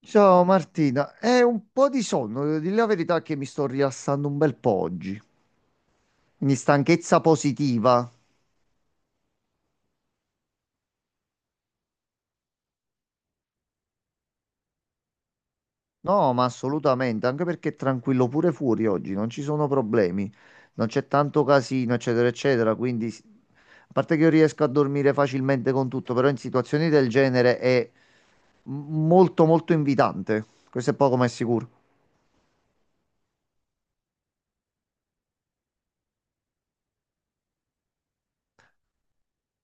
Ciao Martina, è un po' di sonno, devo dire la verità che mi sto rilassando un bel po' oggi. Quindi stanchezza positiva? No, ma assolutamente, anche perché è tranquillo pure fuori oggi, non ci sono problemi, non c'è tanto casino, eccetera, eccetera, quindi a parte che io riesco a dormire facilmente con tutto, però in situazioni del genere è molto molto invitante, questo è poco ma è sicuro.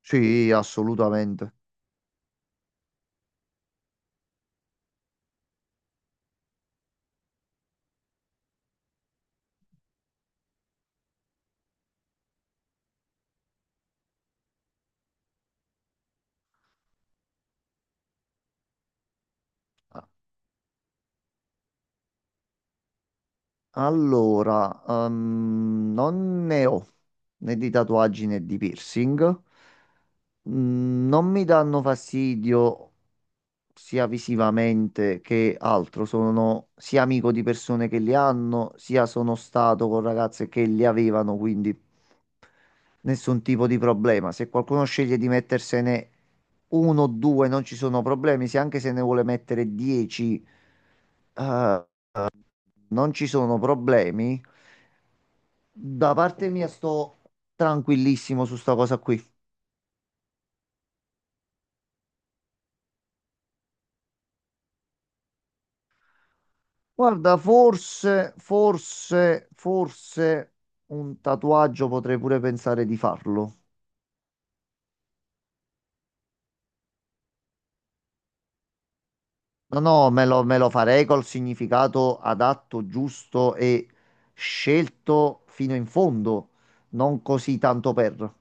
Sì, assolutamente. Ah, Allora, non ne ho né di tatuaggi né di piercing. Mm, non mi danno fastidio sia visivamente che altro. Sono sia amico di persone che li hanno, sia sono stato con ragazze che li avevano, quindi nessun tipo di problema. Se qualcuno sceglie di mettersene uno o due, non ci sono problemi. Se anche se ne vuole mettere 10, eh, non ci sono problemi. Da parte mia sto tranquillissimo su sta cosa qui. Guarda, forse un tatuaggio potrei pure pensare di farlo. No, no, me lo farei col significato adatto, giusto e scelto fino in fondo, non così tanto per.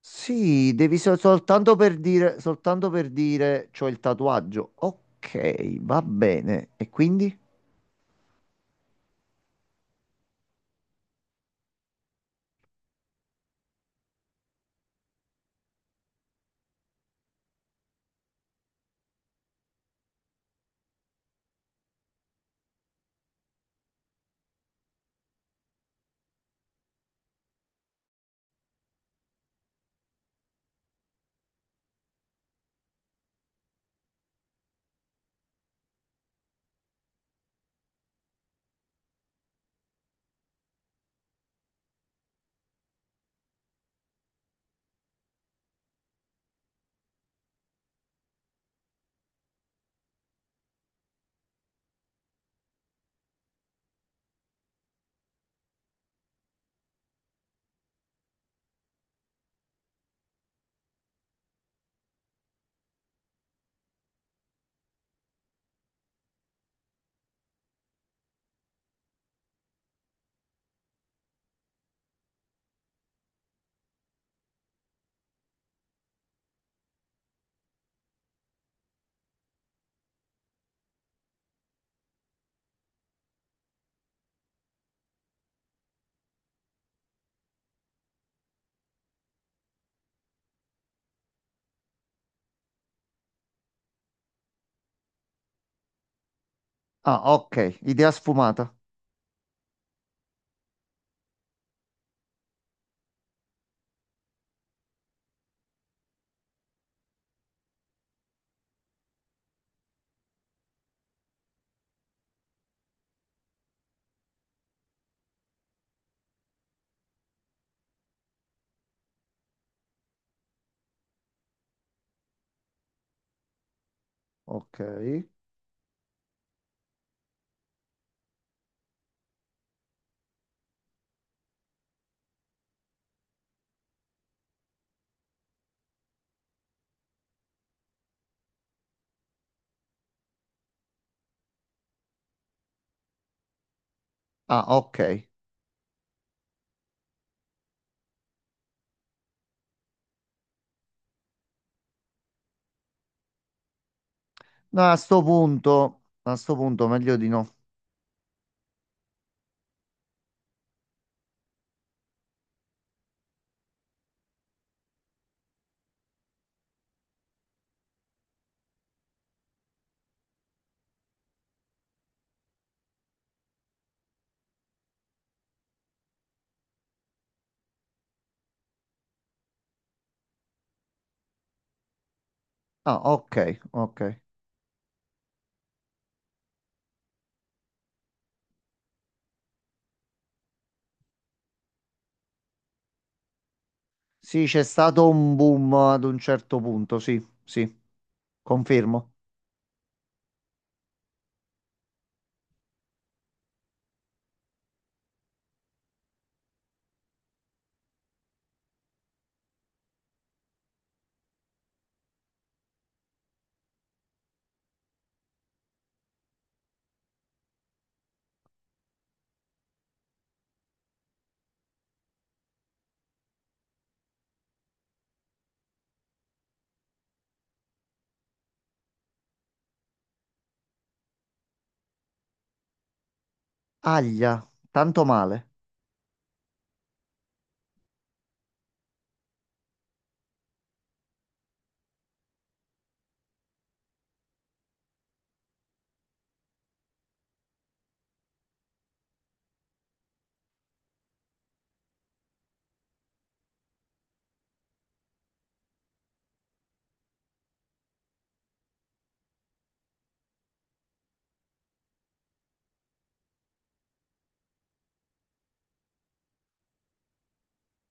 Sì, devi soltanto per dire c'ho il tatuaggio. Ok, va bene. E quindi? Ah, ok, idea sfumata. Ok. Ah, ok. No, a sto punto meglio di no. Ah, ok, ok. Sì, c'è stato un boom ad un certo punto, sì, sì. Confermo. Aglia, tanto male.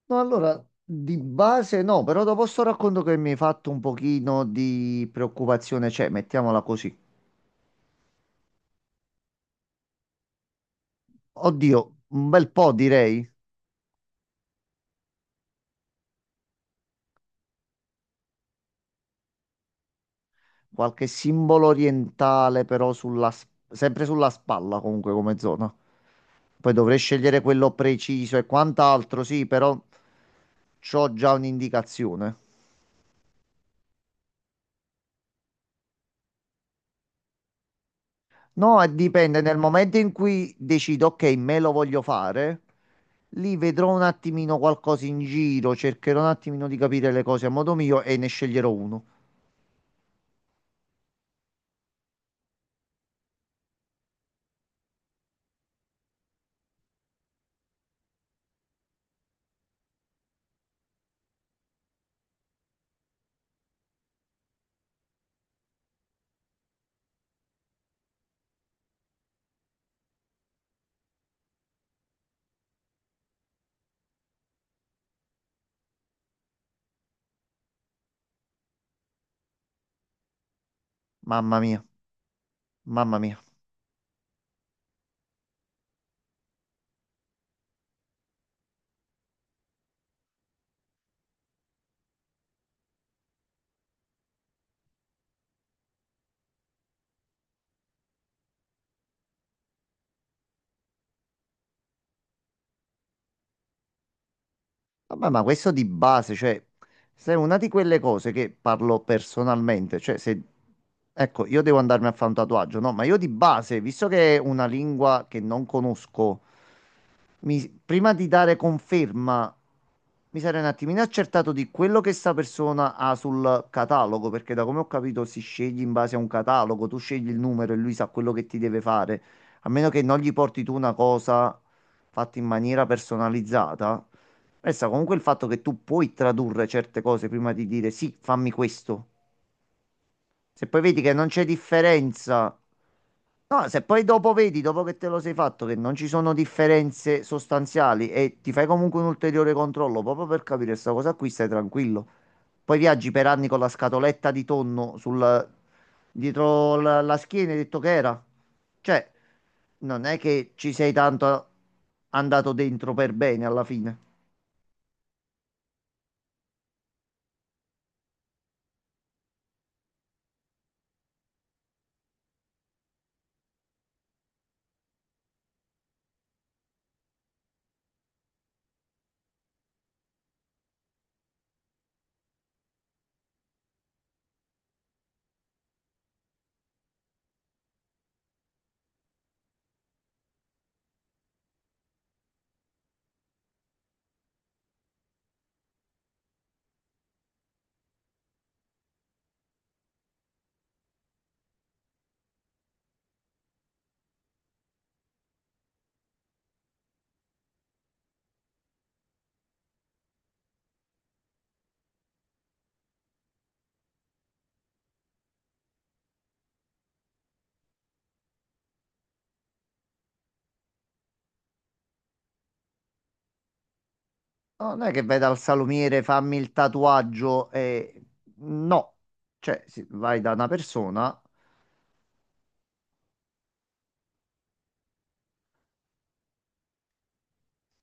No, allora, di base no, però dopo sto racconto che mi hai fatto un pochino di preoccupazione, cioè, mettiamola così. Oddio, un bel po' direi. Qualche simbolo orientale però sempre sulla spalla comunque come zona. Poi dovrei scegliere quello preciso e quant'altro, sì, però c'ho già un'indicazione. No, dipende, nel momento in cui decido, ok, me lo voglio fare, lì vedrò un attimino qualcosa in giro, cercherò un attimino di capire le cose a modo mio e ne sceglierò uno. Mamma mia, mamma mia. Vabbè, ma questo di base, cioè, se è una di quelle cose che parlo personalmente, cioè, se, ecco, io devo andarmi a fare un tatuaggio, no? Ma io di base, visto che è una lingua che non conosco, prima di dare conferma, mi sarei un attimino accertato di quello che sta persona ha sul catalogo, perché da come ho capito si sceglie in base a un catalogo, tu scegli il numero e lui sa quello che ti deve fare, a meno che non gli porti tu una cosa fatta in maniera personalizzata. Resta comunque il fatto che tu puoi tradurre certe cose prima di dire sì, fammi questo. Se poi vedi che non c'è differenza, no, se poi dopo vedi, dopo che te lo sei fatto, che non ci sono differenze sostanziali e ti fai comunque un ulteriore controllo proprio per capire questa cosa qui, stai tranquillo. Poi viaggi per anni con la scatoletta di tonno sul, dietro la schiena, hai detto che era. Cioè, non è che ci sei tanto andato dentro per bene alla fine. No, non è che vai dal salumiere, fammi il tatuaggio e... No, cioè se vai da una persona,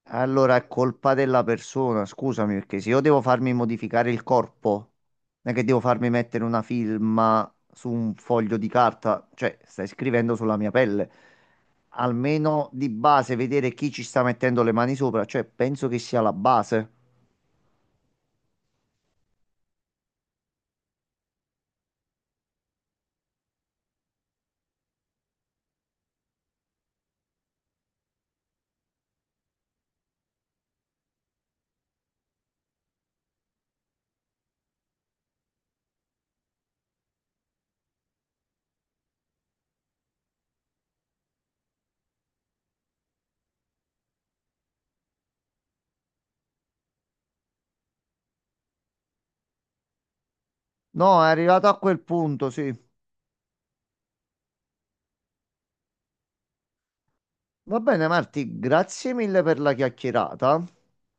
allora è colpa della persona, scusami, perché se io devo farmi modificare il corpo, non è che devo farmi mettere una firma su un foglio di carta, cioè stai scrivendo sulla mia pelle. Almeno di base vedere chi ci sta mettendo le mani sopra, cioè penso che sia la base. No, è arrivato a quel punto, sì. Va bene, Marti, grazie mille per la chiacchierata.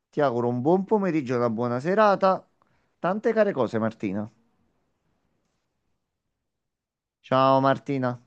Ti auguro un buon pomeriggio e una buona serata. Tante care cose, Martina. Ciao, Martina.